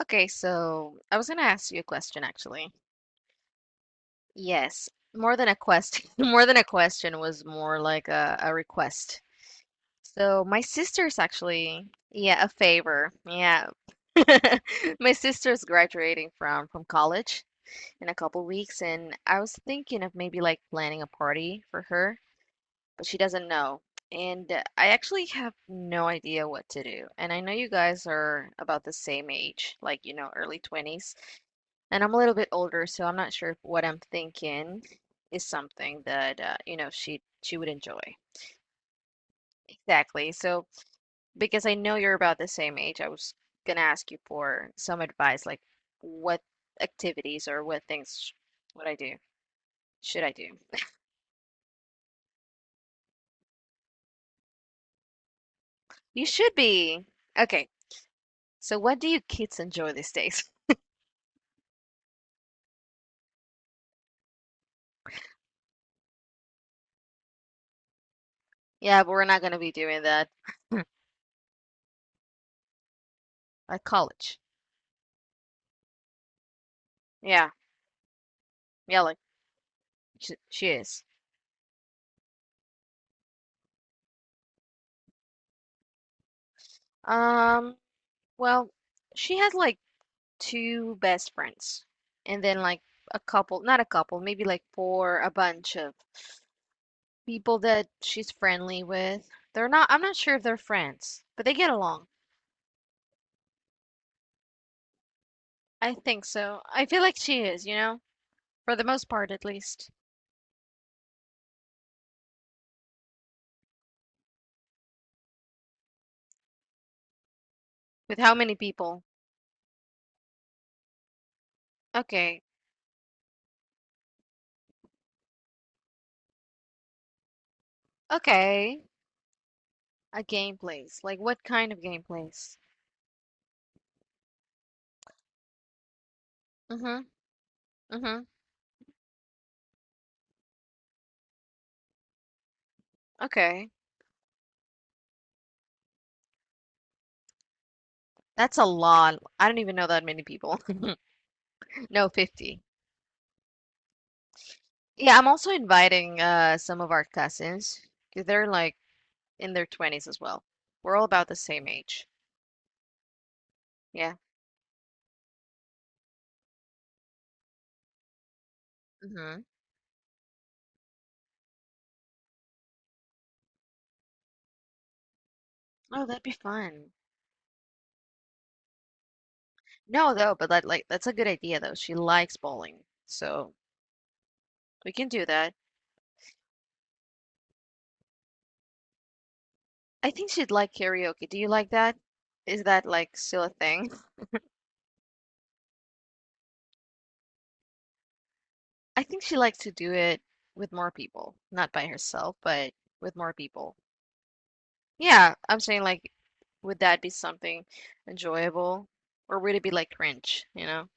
Okay, so I was gonna ask you a question actually. Yes, more than a question, more than a question was more like a request. So my sister's actually, yeah, a favor. Yeah. My sister's graduating from college in a couple weeks, and I was thinking of maybe like planning a party for her but she doesn't know. And I actually have no idea what to do. And I know you guys are about the same age, like, you know, early 20s. And I'm a little bit older, so I'm not sure if what I'm thinking is something that, you know, she would enjoy. Exactly. So, because I know you're about the same age, I was gonna ask you for some advice, like what activities or what things would I do? Should I do? You should be. Okay. So, what do you kids enjoy these days? Yeah, but we're not gonna be doing that at college. Yeah, yeah, like she is. Um, well, she has like two best friends, and then like a couple, not a couple, maybe like four, a bunch of people that she's friendly with. They're not, I'm not sure if they're friends, but they get along. I think so. I feel like she is, you know, for the most part at least. With how many people? Okay, okay. A game plays. Like what kind of game plays? Mm-hmm. Mm-hmm. Okay. That's a lot. I don't even know that many people. No, 50. Yeah, I'm also inviting some of our cousins. 'Cause they're like in their 20s as well. We're all about the same age. Yeah. Mm-hmm. Oh, that'd be fun. No, though, but that like that's a good idea though. She likes bowling. So, we can do that. I think she'd like karaoke. Do you like that? Is that like still a thing? I think she likes to do it with more people, not by herself, but with more people. Yeah, I'm saying like, would that be something enjoyable, or would it be like cringe? You know?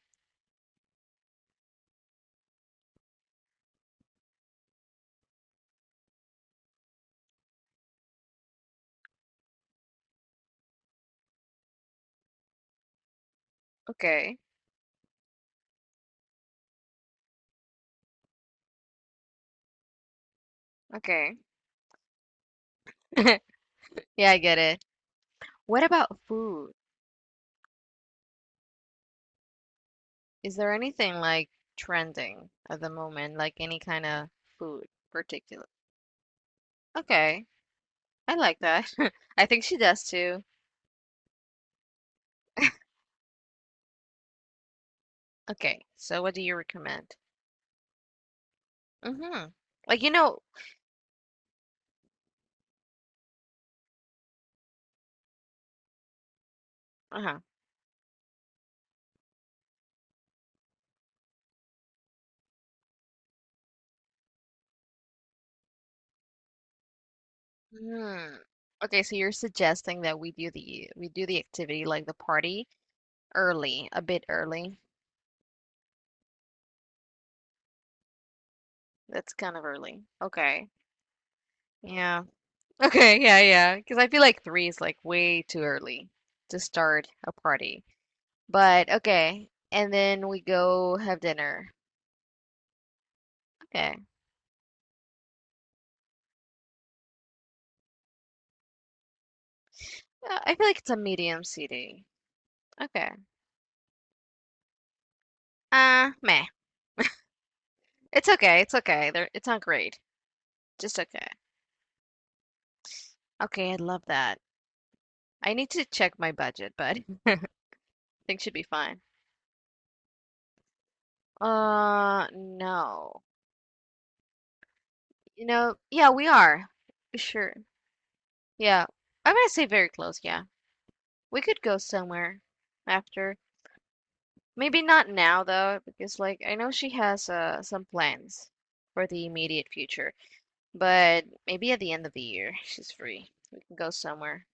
Okay, okay. Yeah, I get it. What about food? Is there anything like trending at the moment, like any kind of food particular? Okay, I like that. I think she does too. Okay, so what do you recommend? Mm-hmm. Like you know, uh-huh. Hmm. Okay, so you're suggesting that we do the activity like the party early, a bit early. That's kind of early. Okay. Yeah. Okay. Yeah. Yeah. Because I feel like three is like way too early to start a party. But okay. And then we go have dinner. Okay. I feel like it's a medium CD. Okay. Meh. It's okay. It's okay. There, it's not great. Just okay. Okay. I love that. I need to check my budget, but I think should be fine. No. You know, yeah, we are. Sure. Yeah. I'm gonna say very close. Yeah. We could go somewhere after. Maybe not now though, because like I know she has some plans for the immediate future, but maybe at the end of the year she's free. We can go somewhere.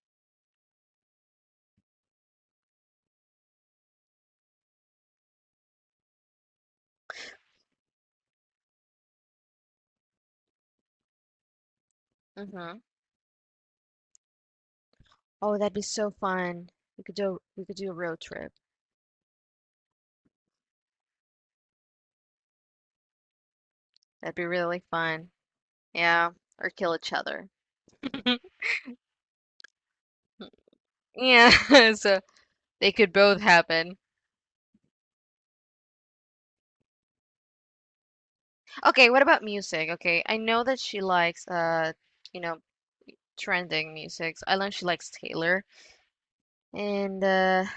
Mm-hmm. Oh, that'd be so fun. We could do a road trip. That'd be really fun. Yeah, or kill each other. Yeah, so they could both happen. Okay, what about music? Okay, I know that she likes you know, trending music. I know she likes Taylor. And oh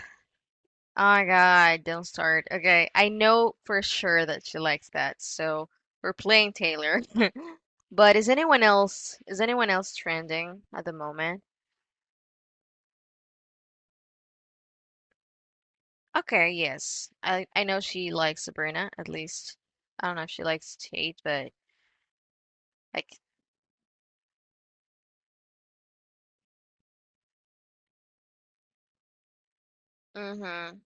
my God, don't start. Okay, I know for sure that she likes that, so we're playing Taylor. But is anyone else trending at the moment? Okay, yes. I know she likes Sabrina, at least. I don't know if she likes Tate, but like mm-hmm.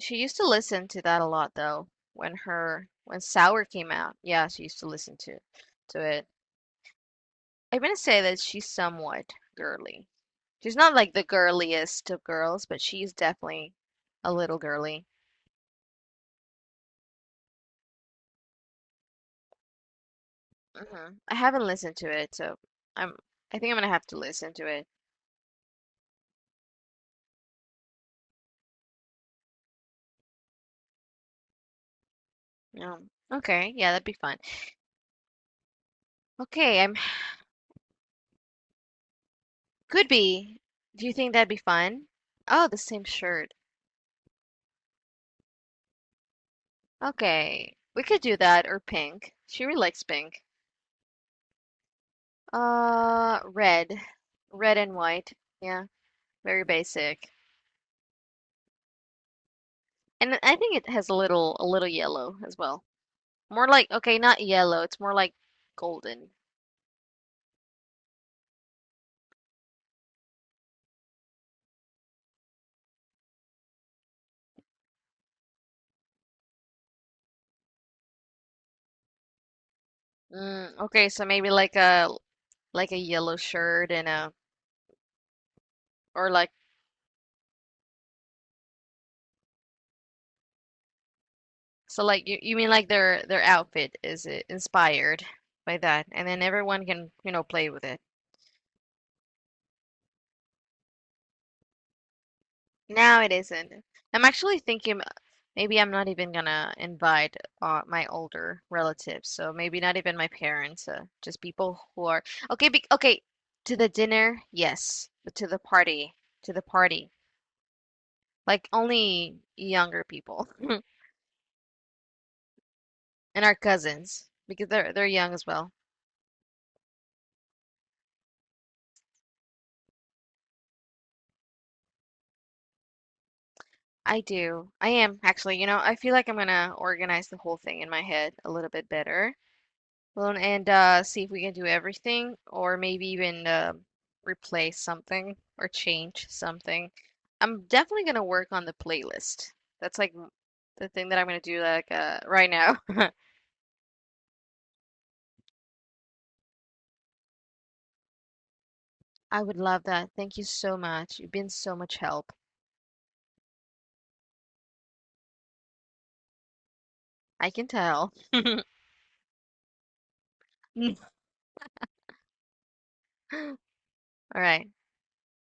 She used to listen to that a lot though, when Sour came out. Yeah, she used to listen to it. I'm gonna say that she's somewhat girly. She's not like the girliest of girls, but she's definitely a little girly. Hmm. I haven't listened to it, so I'm I think I'm gonna have to listen to it. No, okay, yeah, that'd be fun. Okay, I'm could be. Do you think that'd be fun? Oh, the same shirt. Okay, we could do that or pink. She really likes pink. Red, red and white. Yeah, very basic. And I think it has a little yellow as well. More like okay, not yellow. It's more like golden. Mm, okay, so maybe like a yellow shirt and a or like so like you mean like their outfit is inspired by that, and then everyone can you know play with it. No, it isn't. I'm actually thinking maybe I'm not even gonna invite my older relatives, so maybe not even my parents, just people who are okay. Be, okay, to the dinner, yes, but to the party, to the party. Like only younger people and our cousins because they're young as well. I do. I am actually, you know, I feel like I'm gonna organize the whole thing in my head a little bit better. Well, and see if we can do everything or maybe even replace something or change something. I'm definitely gonna work on the playlist. That's like the thing that I'm gonna do like right now. I would love that. Thank you so much. You've been so much help. I can tell. All right.